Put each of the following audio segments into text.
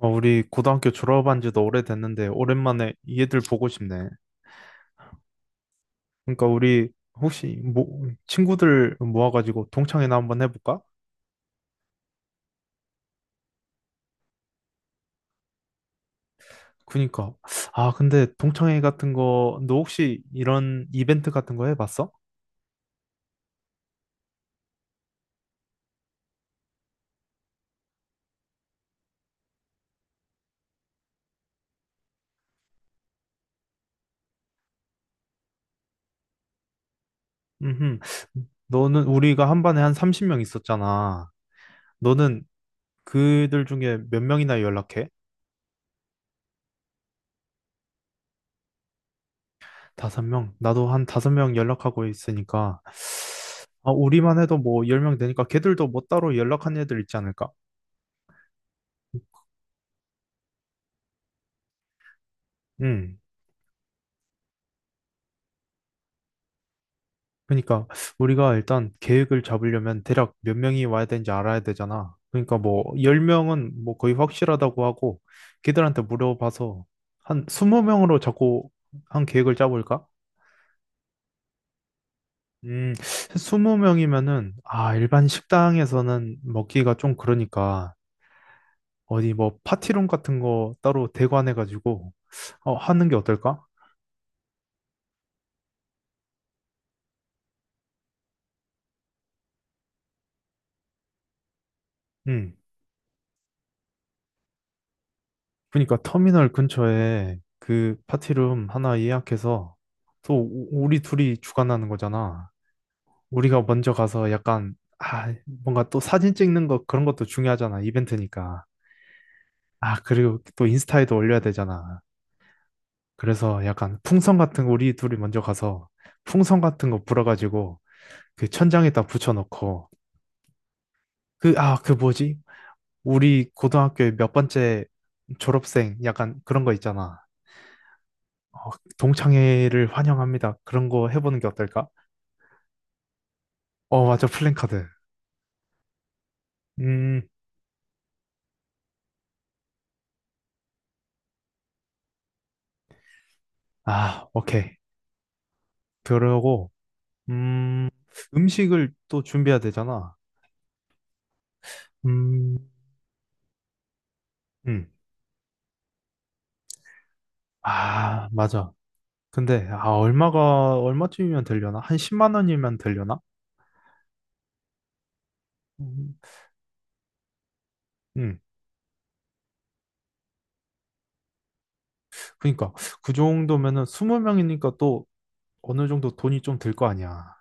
우리 고등학교 졸업한 지도 오래됐는데 오랜만에 얘들 보고 싶네. 그러니까 우리 혹시 뭐 친구들 모아가지고 동창회나 한번 해볼까? 그니까 근데 동창회 같은 거 너 혹시 이런 이벤트 같은 거 해봤어? 음, 너는 우리가 한 반에 한 30명 있었잖아. 너는 그들 중에 몇 명이나 연락해? 다섯 명? 나도 한 다섯 명 연락하고 있으니까 우리만 해도 뭐 10명 되니까 걔들도 뭐 따로 연락한 애들 있지 않을까? 응. 그러니까 우리가 일단 계획을 잡으려면 대략 몇 명이 와야 되는지 알아야 되잖아. 그러니까 뭐 10명은 뭐 거의 확실하다고 하고 걔들한테 물어봐서 한 20명으로 자꾸 한 계획을 짜볼까? 음, 20명이면은 일반 식당에서는 먹기가 좀 그러니까 어디 뭐 파티룸 같은 거 따로 대관해 가지고 하는 게 어떨까? 음. 그러니까 터미널 근처에 그 파티룸 하나 예약해서 또 우리 둘이 주관하는 거잖아. 우리가 먼저 가서 약간 뭔가 또 사진 찍는 거 그런 것도 중요하잖아. 이벤트니까. 그리고 또 인스타에도 올려야 되잖아. 그래서 약간 풍선 같은 거 우리 둘이 먼저 가서 풍선 같은 거 불어가지고 그 천장에다 붙여놓고 그 뭐지? 우리 고등학교에 몇 번째 졸업생 약간 그런 거 있잖아. 어, 동창회를 환영합니다. 그런 거 해보는 게 어떨까? 어, 맞아. 플랜카드. 음, 오케이. 그러고, 음, 음식을 또 준비해야 되잖아. 음, 음. 맞아. 근데, 얼마쯤이면 되려나? 한 10만 원이면 되려나? 음, 음. 그니까, 그 정도면은 20명이니까 또 어느 정도 돈이 좀 들 거 아니야.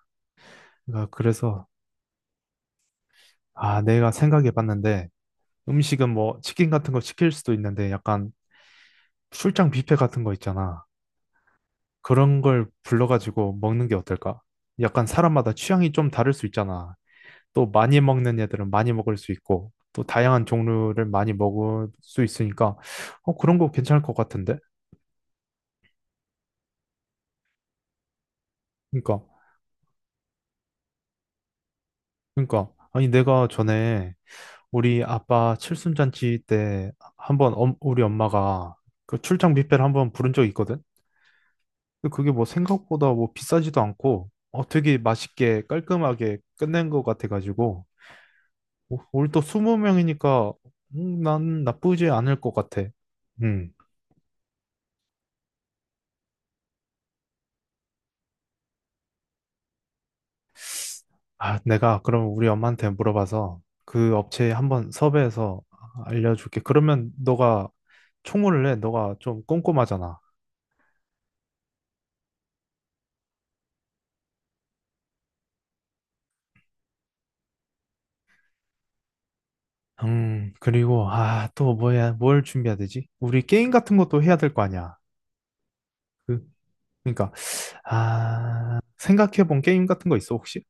그러니까 그래서, 내가 생각해 봤는데, 음식은 뭐, 치킨 같은 거 시킬 수도 있는데, 약간 출장 뷔페 같은 거 있잖아. 그런 걸 불러가지고 먹는 게 어떨까? 약간 사람마다 취향이 좀 다를 수 있잖아. 또 많이 먹는 애들은 많이 먹을 수 있고, 또 다양한 종류를 많이 먹을 수 있으니까, 그런 거 괜찮을 것 같은데? 그러니까, 그러니까, 아니, 내가 전에 우리 아빠 칠순잔치 때 한번 우리 엄마가 그 출장 뷔페를 한번 부른 적이 있거든? 근데 그게 뭐 생각보다 뭐 비싸지도 않고, 되게 맛있게 깔끔하게 끝낸 것 같아가지고, 오, 우리 또 20명이니까 난 나쁘지 않을 것 같아. 음. 내가 그럼 우리 엄마한테 물어봐서 그 업체에 한번 섭외해서 알려줄게. 그러면 너가 총무를 해. 너가 좀 꼼꼼하잖아. 그리고 또 뭐야? 뭘 준비해야 되지? 우리 게임 같은 것도 해야 될 거 아니야. 그, 그러니까 생각해본 게임 같은 거 있어, 혹시?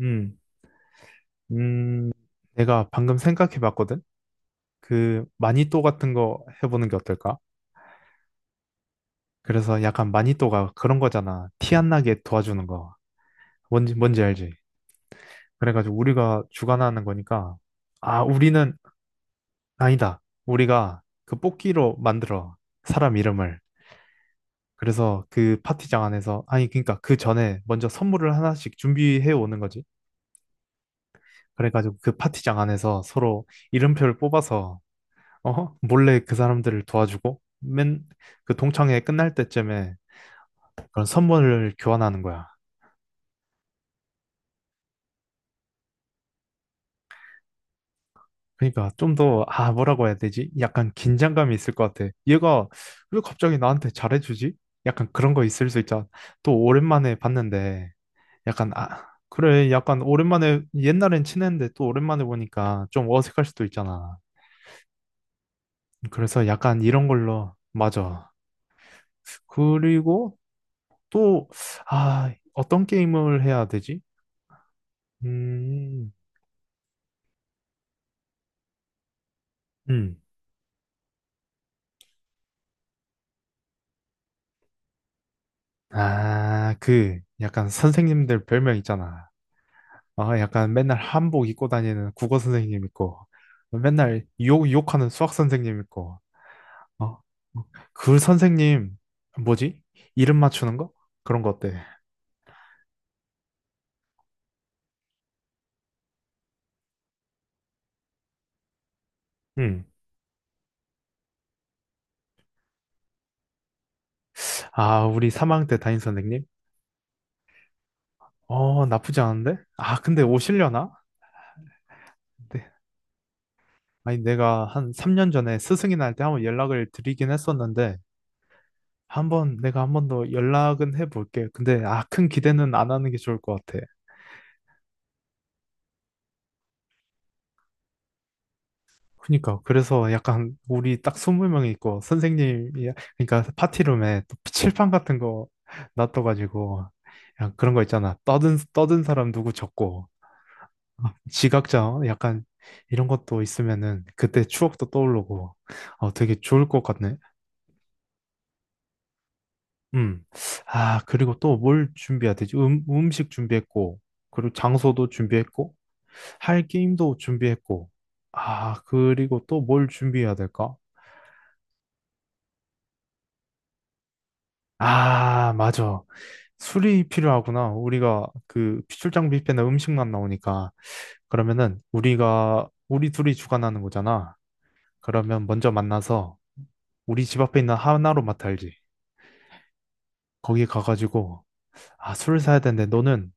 음. 음. 내가 방금 생각해봤거든. 그 마니또 같은 거 해보는 게 어떨까? 그래서 약간 마니또가 그런 거잖아. 티 안 나게 도와주는 거. 뭔지 알지? 그래가지고 우리가 주관하는 거니까, 우리는, 아니다. 우리가 그 뽑기로 만들어. 사람 이름을. 그래서 그 파티장 안에서, 아니, 그러니까 그 전에 먼저 선물을 하나씩 준비해 오는 거지. 그래가지고 그 파티장 안에서 서로 이름표를 뽑아서, 어? 몰래 그 사람들을 도와주고, 맨 그 동창회 끝날 때쯤에 그런 선물을 교환하는 거야. 그러니까 좀 더, 뭐라고 해야 되지? 약간 긴장감이 있을 것 같아. 얘가 왜 갑자기 나한테 잘해주지? 약간 그런 거 있을 수 있잖아. 또 오랜만에 봤는데, 약간, 그래, 약간 오랜만에, 옛날엔 친했는데 또 오랜만에 보니까 좀 어색할 수도 있잖아. 그래서 약간 이런 걸로, 맞아. 그리고 또, 어떤 게임을 해야 되지? 음, 음. 그, 약간 선생님들 별명 있잖아. 약간 맨날 한복 입고 다니는 국어 선생님 있고, 맨날 욕하는 수학 선생님 있고, 어? 그 선생님, 뭐지? 이름 맞추는 거? 그런 거 어때? 응. 우리 3학년 때 담임 선생님? 어, 나쁘지 않은데? 근데 오시려나? 네. 아니, 내가 한 3년 전에 스승이 날 때 한번 연락을 드리긴 했었는데, 내가 한 번 더 연락은 해볼게. 근데, 큰 기대는 안 하는 게 좋을 것 같아. 그니까 그래서 약간 우리 딱 20명이 있고 선생님이 그러니까 파티룸에 또 칠판 같은 거 놔둬가지고 그냥 그런 거 있잖아 떠든 사람 누구 적고 지각자 약간 이런 것도 있으면은 그때 추억도 떠오르고 되게 좋을 것 같네. 음 그리고 또 뭘 준비해야 되지? 음식 준비했고 그리고 장소도 준비했고 할 게임도 준비했고 그리고 또 뭘 준비해야 될까? 맞아. 술이 필요하구나. 우리가 그 출장 뷔페는 음식만 나오니까. 그러면은 우리가 우리 둘이 주관하는 거잖아. 그러면 먼저 만나서 우리 집 앞에 있는 하나로마트 알지? 거기 가가지고 술을 사야 되는데 너는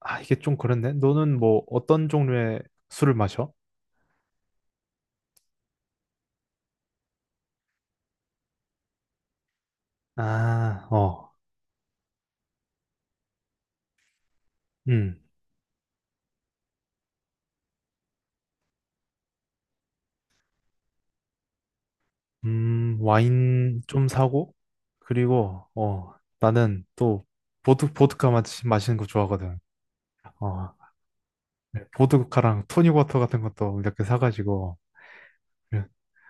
이게 좀 그렇네. 너는 뭐 어떤 종류의 술을 마셔? 어. 음. 와인 좀 사고 그리고 나는 또 보드카 마시는 거 좋아하거든. 어, 네, 보드카랑 토닉워터 같은 것도 이렇게 사가지고 그래,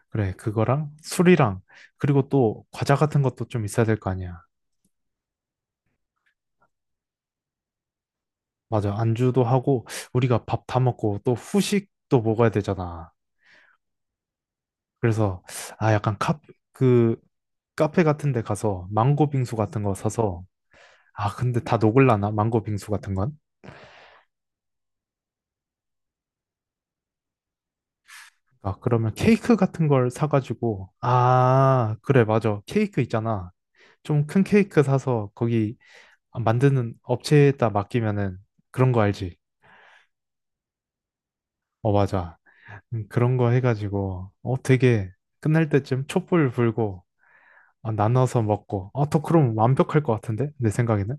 그래, 그거랑 술이랑 그리고 또 과자 같은 것도 좀 있어야 될 거 아니야. 맞아, 안주도 하고 우리가 밥 다 먹고 또 후식도 먹어야 되잖아. 그래서 약간 그 카페 같은 데 가서 망고 빙수 같은 거 사서 근데 다 녹을라나, 망고 빙수 같은 건? 그러면 케이크 같은 걸 사가지고, 그래, 맞아, 케이크 있잖아. 좀 큰 케이크 사서 거기 만드는 업체에다 맡기면은, 그런 거 알지? 어, 맞아. 그런 거 해가지고, 되게 끝날 때쯤 촛불 불고, 나눠서 먹고, 더 그럼 완벽할 것 같은데? 내 생각에는?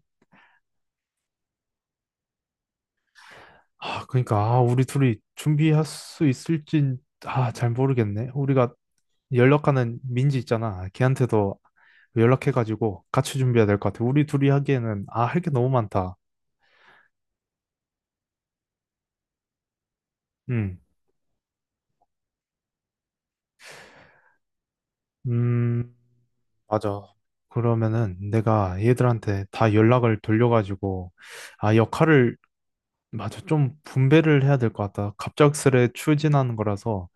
그러니까, 우리 둘이 준비할 수 있을진, 잘 모르겠네. 우리가 연락하는 민지 있잖아. 걔한테도 연락해가지고 같이 준비해야 될 것 같아. 우리 둘이 하기에는, 할 게 너무 많다. 음, 음, 맞아. 그러면은 내가 얘들한테 다 연락을 돌려가지고 역할을, 맞아, 좀 분배를 해야 될 것 같다. 갑작스레 추진하는 거라서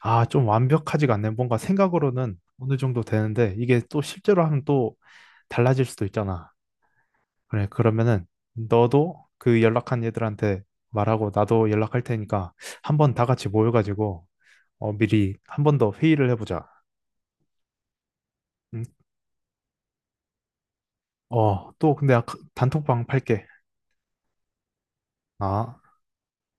좀 완벽하지가 않네. 뭔가 생각으로는 어느 정도 되는데 이게 또 실제로 하면 또 달라질 수도 있잖아. 그래, 그러면은 너도 그 연락한 얘들한테 말하고 나도 연락할 테니까 한번 다 같이 모여가지고 미리 한 번 더 회의를 해보자. 응? 어, 또 근데 아까 단톡방 팔게. 아.